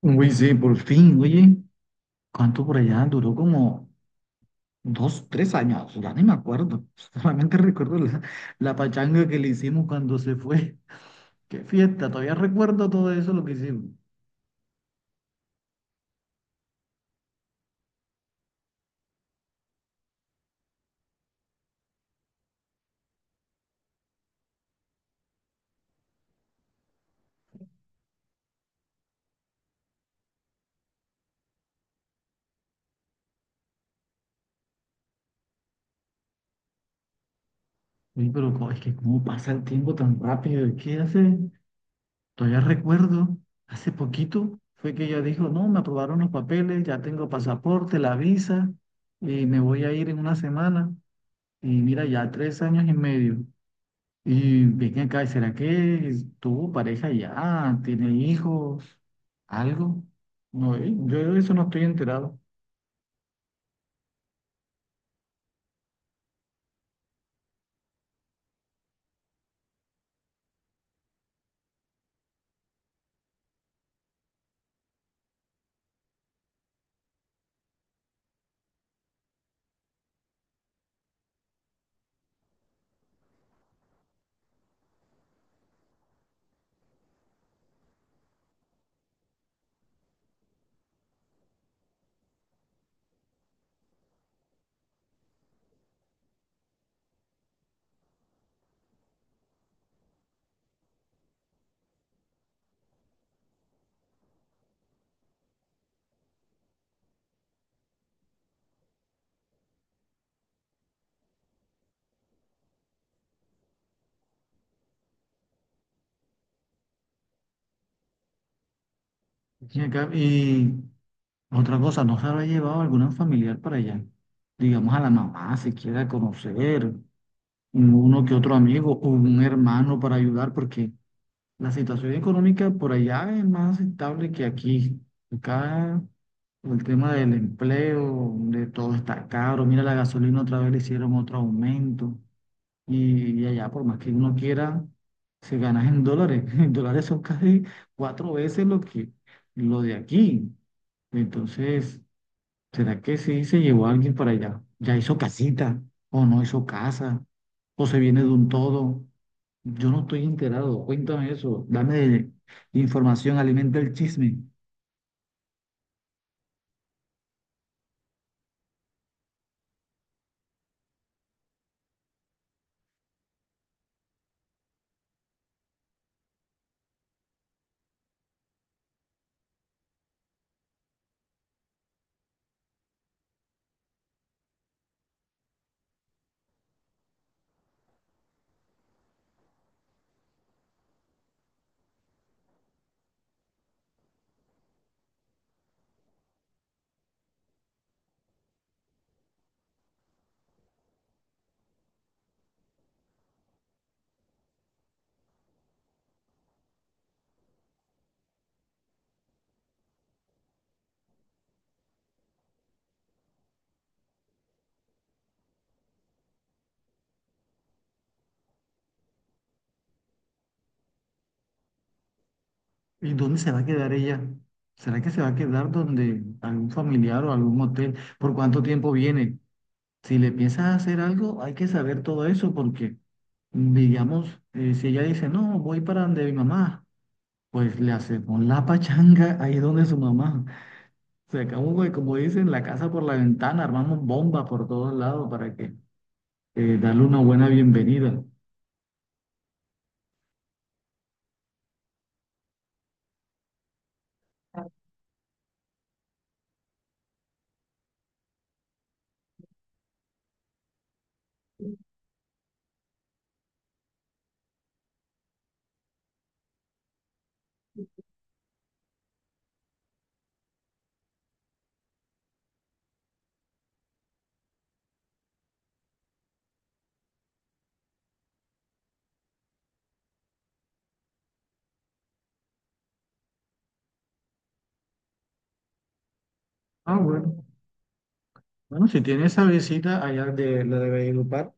Uy, sí, por fin, oye, ¿cuánto por allá? Duró como 2, 3 años, ya ni me acuerdo. Solamente recuerdo la pachanga que le hicimos cuando se fue. Qué fiesta, todavía recuerdo todo eso lo que hicimos. Uy, pero es que cómo pasa el tiempo tan rápido, es que hace, todavía recuerdo, hace poquito fue que ella dijo, no, me aprobaron los papeles, ya tengo pasaporte, la visa, y me voy a ir en una semana. Y mira, ya 3 años y medio. Y ven acá, ¿será que tuvo pareja ya? ¿Tiene hijos? ¿Algo? No, yo de eso no estoy enterado. Ven acá, y otra cosa, ¿no se habrá llevado algún familiar para allá? Digamos a la mamá, si quiera conocer, uno que otro amigo o un hermano para ayudar, porque la situación económica por allá es más estable que aquí. Acá el tema del empleo, de todo está caro. Mira, la gasolina otra vez le hicieron otro aumento. Y allá, por más que uno quiera, se gana en dólares. En dólares son casi 4 veces lo que lo de aquí. Entonces, ¿será que sí se llevó a alguien para allá? ¿Ya hizo casita? ¿O no hizo casa? ¿O se viene de un todo? Yo no estoy enterado. Cuéntame eso. Dame información, alimenta el chisme. ¿Y dónde se va a quedar ella? ¿Será que se va a quedar donde algún familiar o algún hotel? ¿Por cuánto tiempo viene? Si le piensas a hacer algo, hay que saber todo eso porque, digamos, si ella dice, no, voy para donde mi mamá, pues le hacemos la pachanga ahí donde su mamá. Sacamos, de, como dicen, la casa por la ventana, armamos bomba por todos lados para que darle una buena bienvenida. Ah, bueno. Bueno, si tiene esa visita allá de la de Valledupar,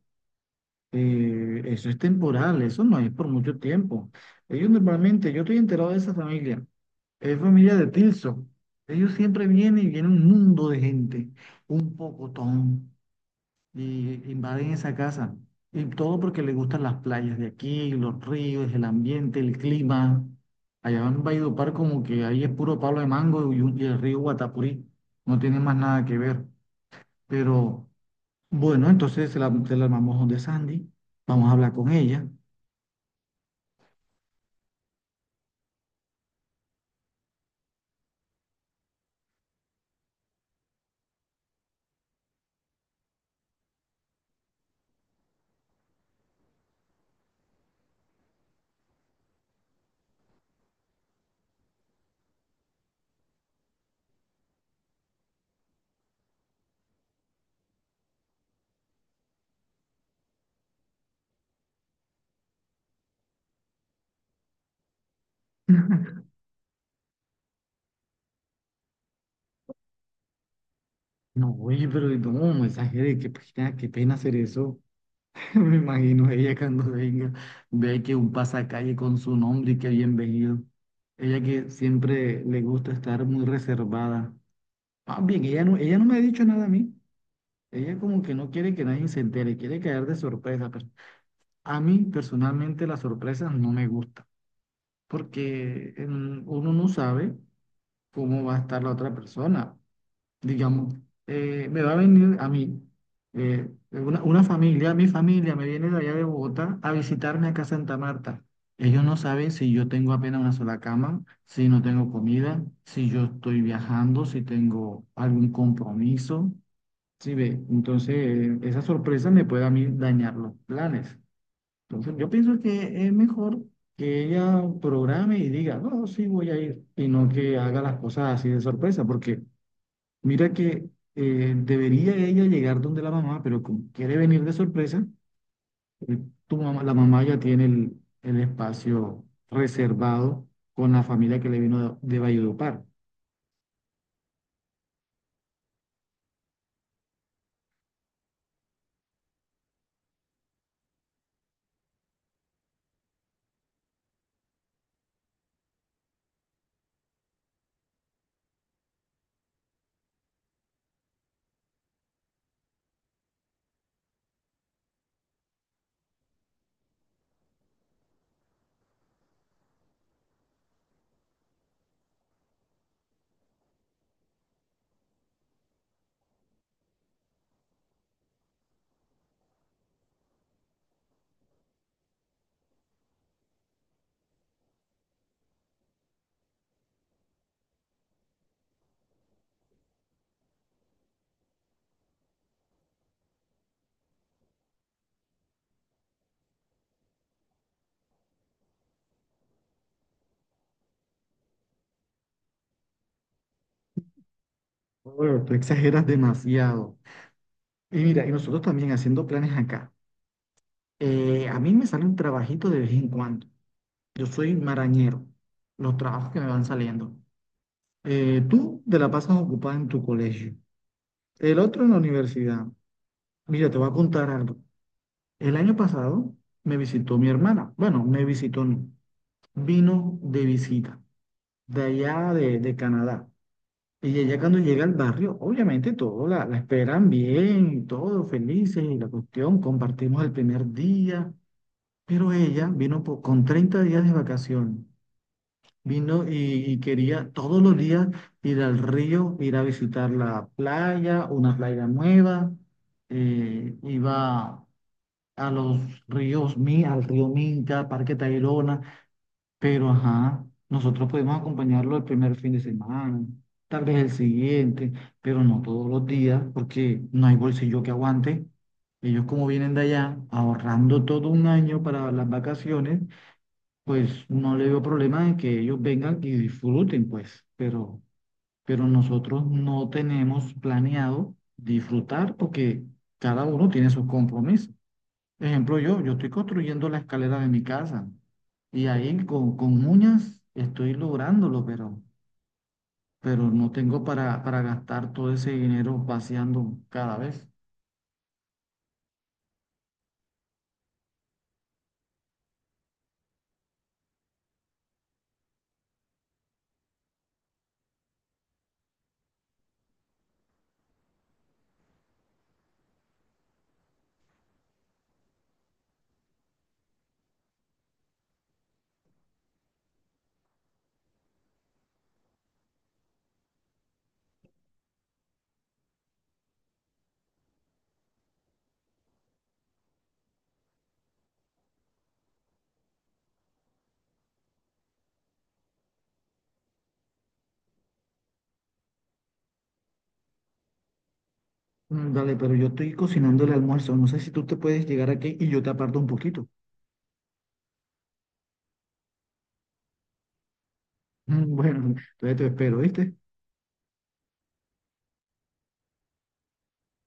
eso es temporal, eso no es por mucho tiempo. Ellos normalmente, yo estoy enterado de esa familia. Es familia de Tilson. Ellos siempre vienen y viene un mundo de gente, un pocotón, y invaden esa casa. Y todo porque les gustan las playas de aquí, los ríos, el ambiente, el clima. Allá en Valledupar como que ahí es puro palo de mango y el río Guatapurí. No tiene más nada que ver. Pero bueno, entonces se la armamos donde Sandy. Vamos a hablar con ella. No, oye, pero no, mensaje de qué pena hacer eso. Me imagino ella cuando venga, ve que un pasacalle con su nombre y que bienvenido. Ella que siempre le gusta estar muy reservada. Más bien, ella no me ha dicho nada a mí. Ella como que no quiere que nadie se entere, quiere caer de sorpresa. Pero a mí personalmente las sorpresas no me gustan, porque uno no sabe cómo va a estar la otra persona digamos, me va a venir a mí, una familia, mi familia me viene de allá de Bogotá a visitarme acá a Santa Marta. Ellos no saben si yo tengo apenas una sola cama, si no tengo comida, si yo estoy viajando, si tengo algún compromiso. Sí, ve, entonces esa sorpresa me puede a mí dañar los planes. Entonces yo pienso que es mejor que ella programe y diga, no, sí voy a ir, y no que haga las cosas así de sorpresa, porque mira que debería ella llegar donde la mamá, pero como quiere venir de sorpresa, eh, la mamá ya tiene el espacio reservado con la familia que le vino de Valledupar. Bueno, tú exageras demasiado. Y mira, y nosotros también haciendo planes acá. A mí me sale un trabajito de vez en cuando. Yo soy marañero, los trabajos que me van saliendo. Tú te la pasas ocupada en tu colegio, el otro en la universidad. Mira, te voy a contar algo. El año pasado me visitó mi hermana. Bueno, me visitó, no. Vino de visita, de allá de Canadá. Y ella cuando llega al barrio, obviamente todos la esperan bien, todos felices y la cuestión, compartimos el primer día. Pero ella vino con 30 días de vacación. Vino y quería todos los días ir al río, ir a visitar la playa, una playa nueva. Iba a los ríos Mi, al río Minca, Parque Tayrona, pero ajá, nosotros podemos acompañarlo el primer fin de semana, tal vez el siguiente, pero no todos los días, porque no hay bolsillo que aguante. Ellos como vienen de allá ahorrando todo un año para las vacaciones, pues no le veo problema en que ellos vengan y disfruten, pues, pero nosotros no tenemos planeado disfrutar porque cada uno tiene sus compromisos. Ejemplo, yo estoy construyendo la escalera de mi casa y ahí con uñas estoy lográndolo, pero no tengo para gastar todo ese dinero vaciando cada vez. Mm, dale, pero yo estoy cocinando el almuerzo. No sé si tú te puedes llegar aquí y yo te aparto un poquito. Bueno, entonces te espero, ¿viste?